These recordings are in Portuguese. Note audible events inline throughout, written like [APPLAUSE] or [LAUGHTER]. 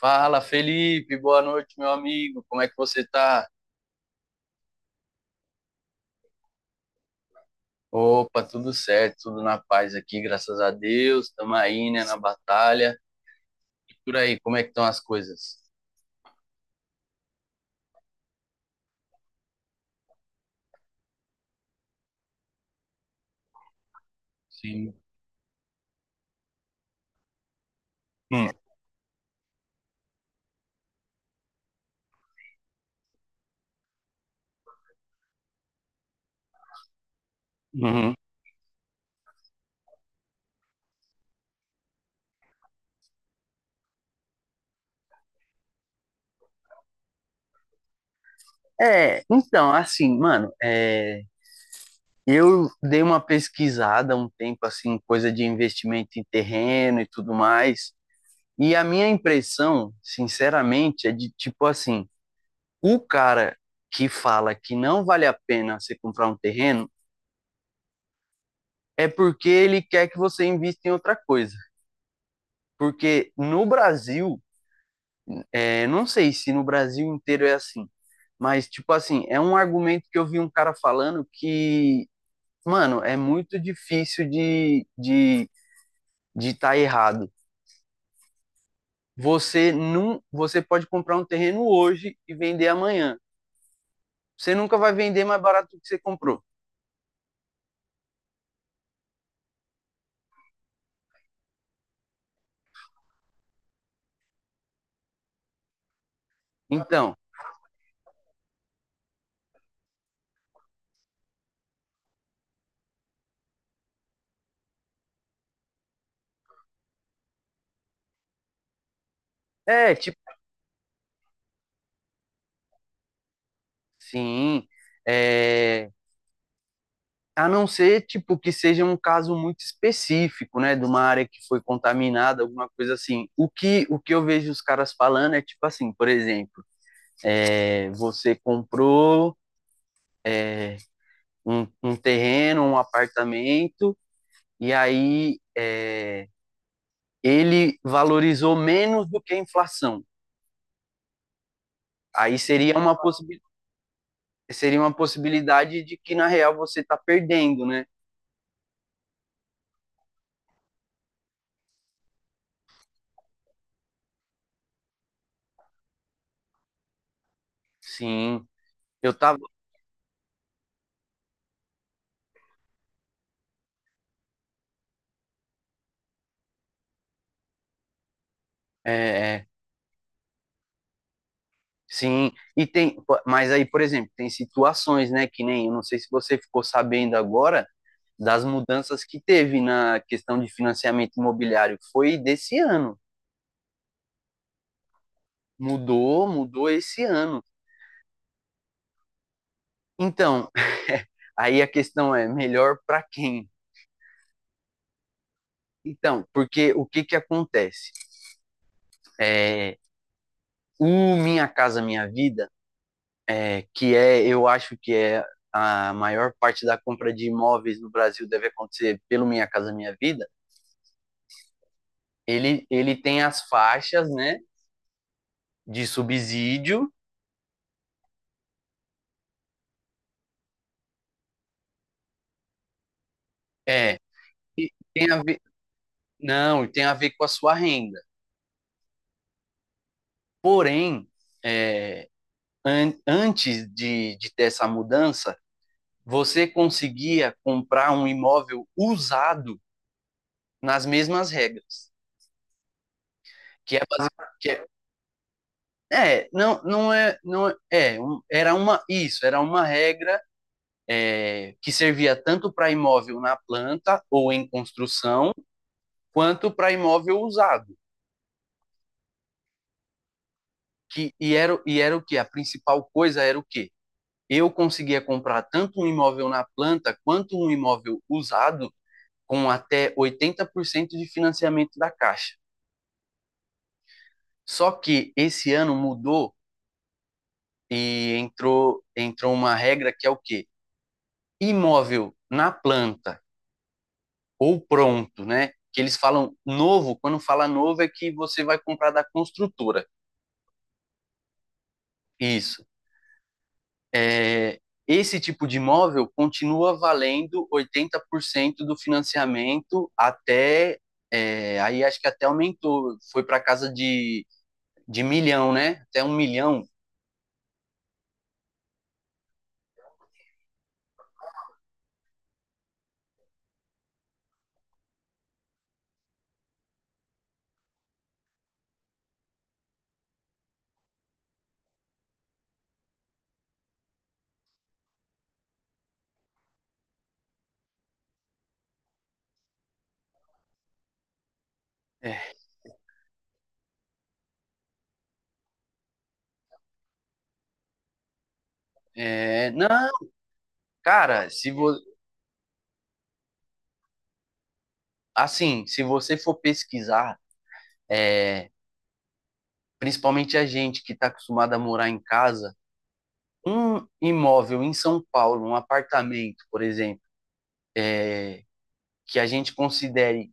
Fala, Felipe, boa noite, meu amigo. Como é que você tá? Opa, tudo certo, tudo na paz aqui, graças a Deus. Tamo aí, né, na batalha. E por aí, como é que estão as coisas? Sim. Hum, uhum. É, então, assim, mano, é, eu dei uma pesquisada há um tempo, assim, coisa de investimento em terreno e tudo mais, e a minha impressão, sinceramente, é de tipo assim: o cara que fala que não vale a pena você comprar um terreno é porque ele quer que você invista em outra coisa. Porque no Brasil, não sei se no Brasil inteiro é assim, mas, tipo assim, é um argumento que eu vi um cara falando que, mano, é muito difícil de tá errado. Você não, Você pode comprar um terreno hoje e vender amanhã. Você nunca vai vender mais barato do que você comprou. Então, tipo, sim, é, a não ser, tipo, que seja um caso muito específico, né, de uma área que foi contaminada, alguma coisa assim. O que eu vejo os caras falando é tipo assim, por exemplo, você comprou um terreno, um apartamento, e aí ele valorizou menos do que a inflação. Aí seria uma, possibi Seria uma possibilidade de que, na real, você está perdendo, né? Sim, eu tava, é, é, sim, e tem, mas aí, por exemplo, tem situações, né, que nem, eu não sei se você ficou sabendo agora das mudanças que teve na questão de financiamento imobiliário, foi desse ano. Mudou, mudou esse ano. Então, [LAUGHS] aí a questão é melhor para quem? Então, porque o que que acontece? É, o Minha Casa Minha Vida, eu acho que é a maior parte da compra de imóveis no Brasil deve acontecer pelo Minha Casa Minha Vida. Ele tem as faixas, né, de subsídio, é, e tem a ver, não, e tem a ver com a sua renda. Porém, é, antes de ter essa mudança, você conseguia comprar um imóvel usado nas mesmas regras, que é, basi- que é, é, não, não é, não é, é, um- era uma, isso, era uma regra que servia tanto para imóvel na planta ou em construção, quanto para imóvel usado. E era o que? A principal coisa era o quê? Eu conseguia comprar tanto um imóvel na planta quanto um imóvel usado com até 80% de financiamento da Caixa. Só que esse ano mudou e entrou uma regra que é o quê? Imóvel na planta ou pronto, né? Que eles falam novo, quando fala novo é que você vai comprar da construtora. Isso. É, esse tipo de imóvel continua valendo 80% do financiamento até, é, aí acho que até aumentou, foi para casa de milhão, né? Até um milhão. É, não, cara, se vo, assim, se você for pesquisar, é, principalmente a gente que está acostumada a morar em casa, um imóvel em São Paulo, um apartamento, por exemplo, que a gente considere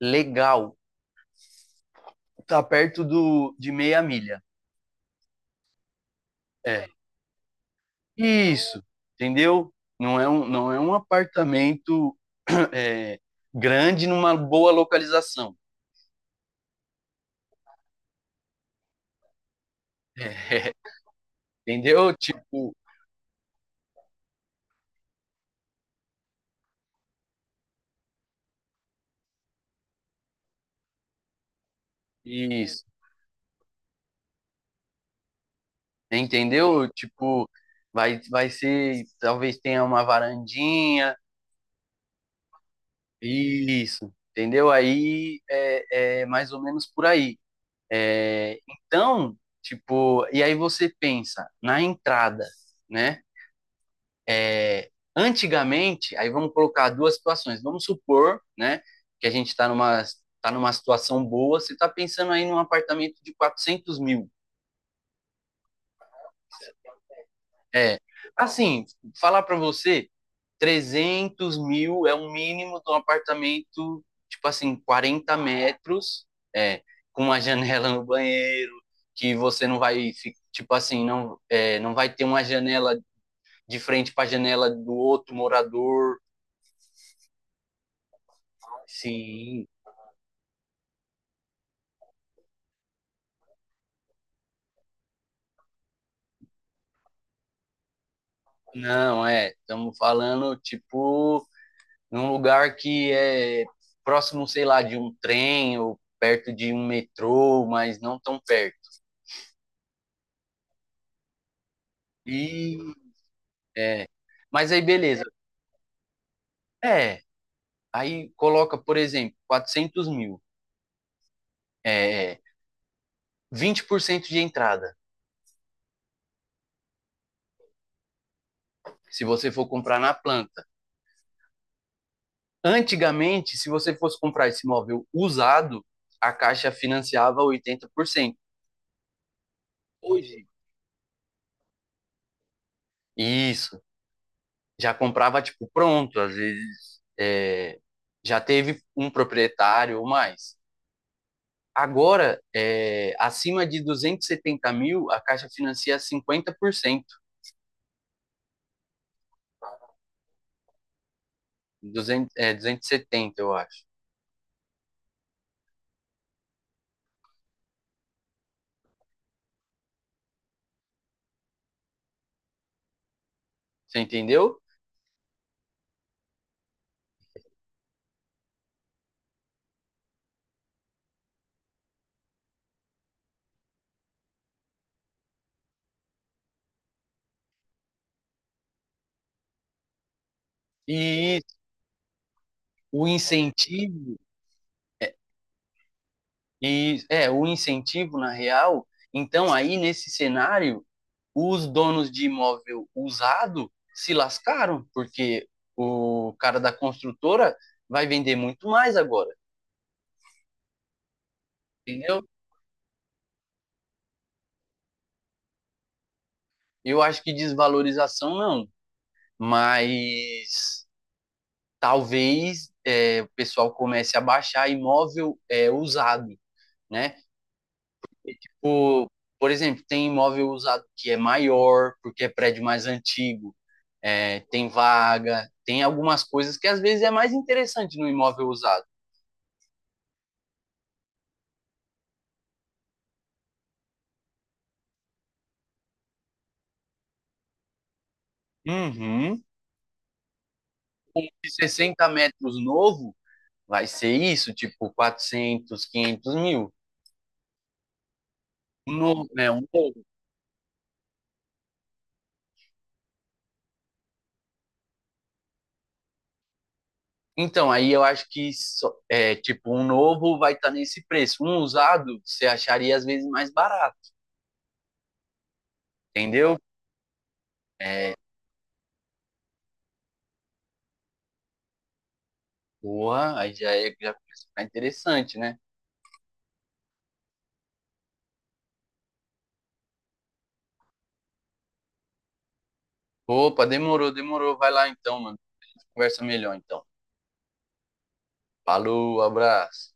legal, está perto do, de meia milha. É, isso, entendeu? Não é um apartamento [LAUGHS] é, grande numa boa localização. [LAUGHS] É, entendeu? Tipo, isso. Entendeu? Tipo, vai ser, talvez tenha uma varandinha. Isso, entendeu? Aí é, é mais ou menos por aí. É, então, tipo, e aí você pensa na entrada, né? É, Antigamente, aí vamos colocar duas situações. Vamos supor, né, que a gente tá numa situação boa, você está pensando aí num apartamento de 400 mil. É, assim, falar para você, 300 mil é o mínimo de um apartamento, tipo assim, 40 metros, é, com uma [LAUGHS] janela no banheiro, que você não vai, fi- tipo assim, não, é, não vai ter uma janela de frente para a janela do outro morador. Sim, não, é, estamos falando, tipo, num lugar que é próximo, sei lá, de um trem ou perto de um metrô, mas não tão perto. E, é, mas aí beleza. É, aí coloca, por exemplo, 400 mil, é, 20% de entrada, se você for comprar na planta. Antigamente, se você fosse comprar esse imóvel usado, a Caixa financiava 80%. Hoje, isso. Já comprava tipo pronto, às vezes é, já teve um proprietário ou mais. Agora, é, acima de 270 mil, a Caixa financia 50%, 200 270 eu acho. Você entendeu? E o incentivo, e É, o incentivo na real, então aí nesse cenário, os donos de imóvel usado se lascaram, porque o cara da construtora vai vender muito mais agora. Entendeu? Eu acho que desvalorização não, mas talvez é, o pessoal comece a baixar imóvel é, usado, né? Por, por exemplo, tem imóvel usado que é maior, porque é prédio mais antigo, é, tem vaga, tem algumas coisas que às vezes é mais interessante no imóvel usado. Uhum. Um de 60 metros novo vai ser isso, tipo 400, 500 mil. Um novo, né, um novo. Então, aí eu acho que é tipo um novo vai estar nesse preço. Um usado você acharia às vezes mais barato, entendeu? Porra, aí já é, já começa a ficar interessante, né? Opa, demorou, demorou. Vai lá então, mano. Conversa melhor então. Falou, abraço.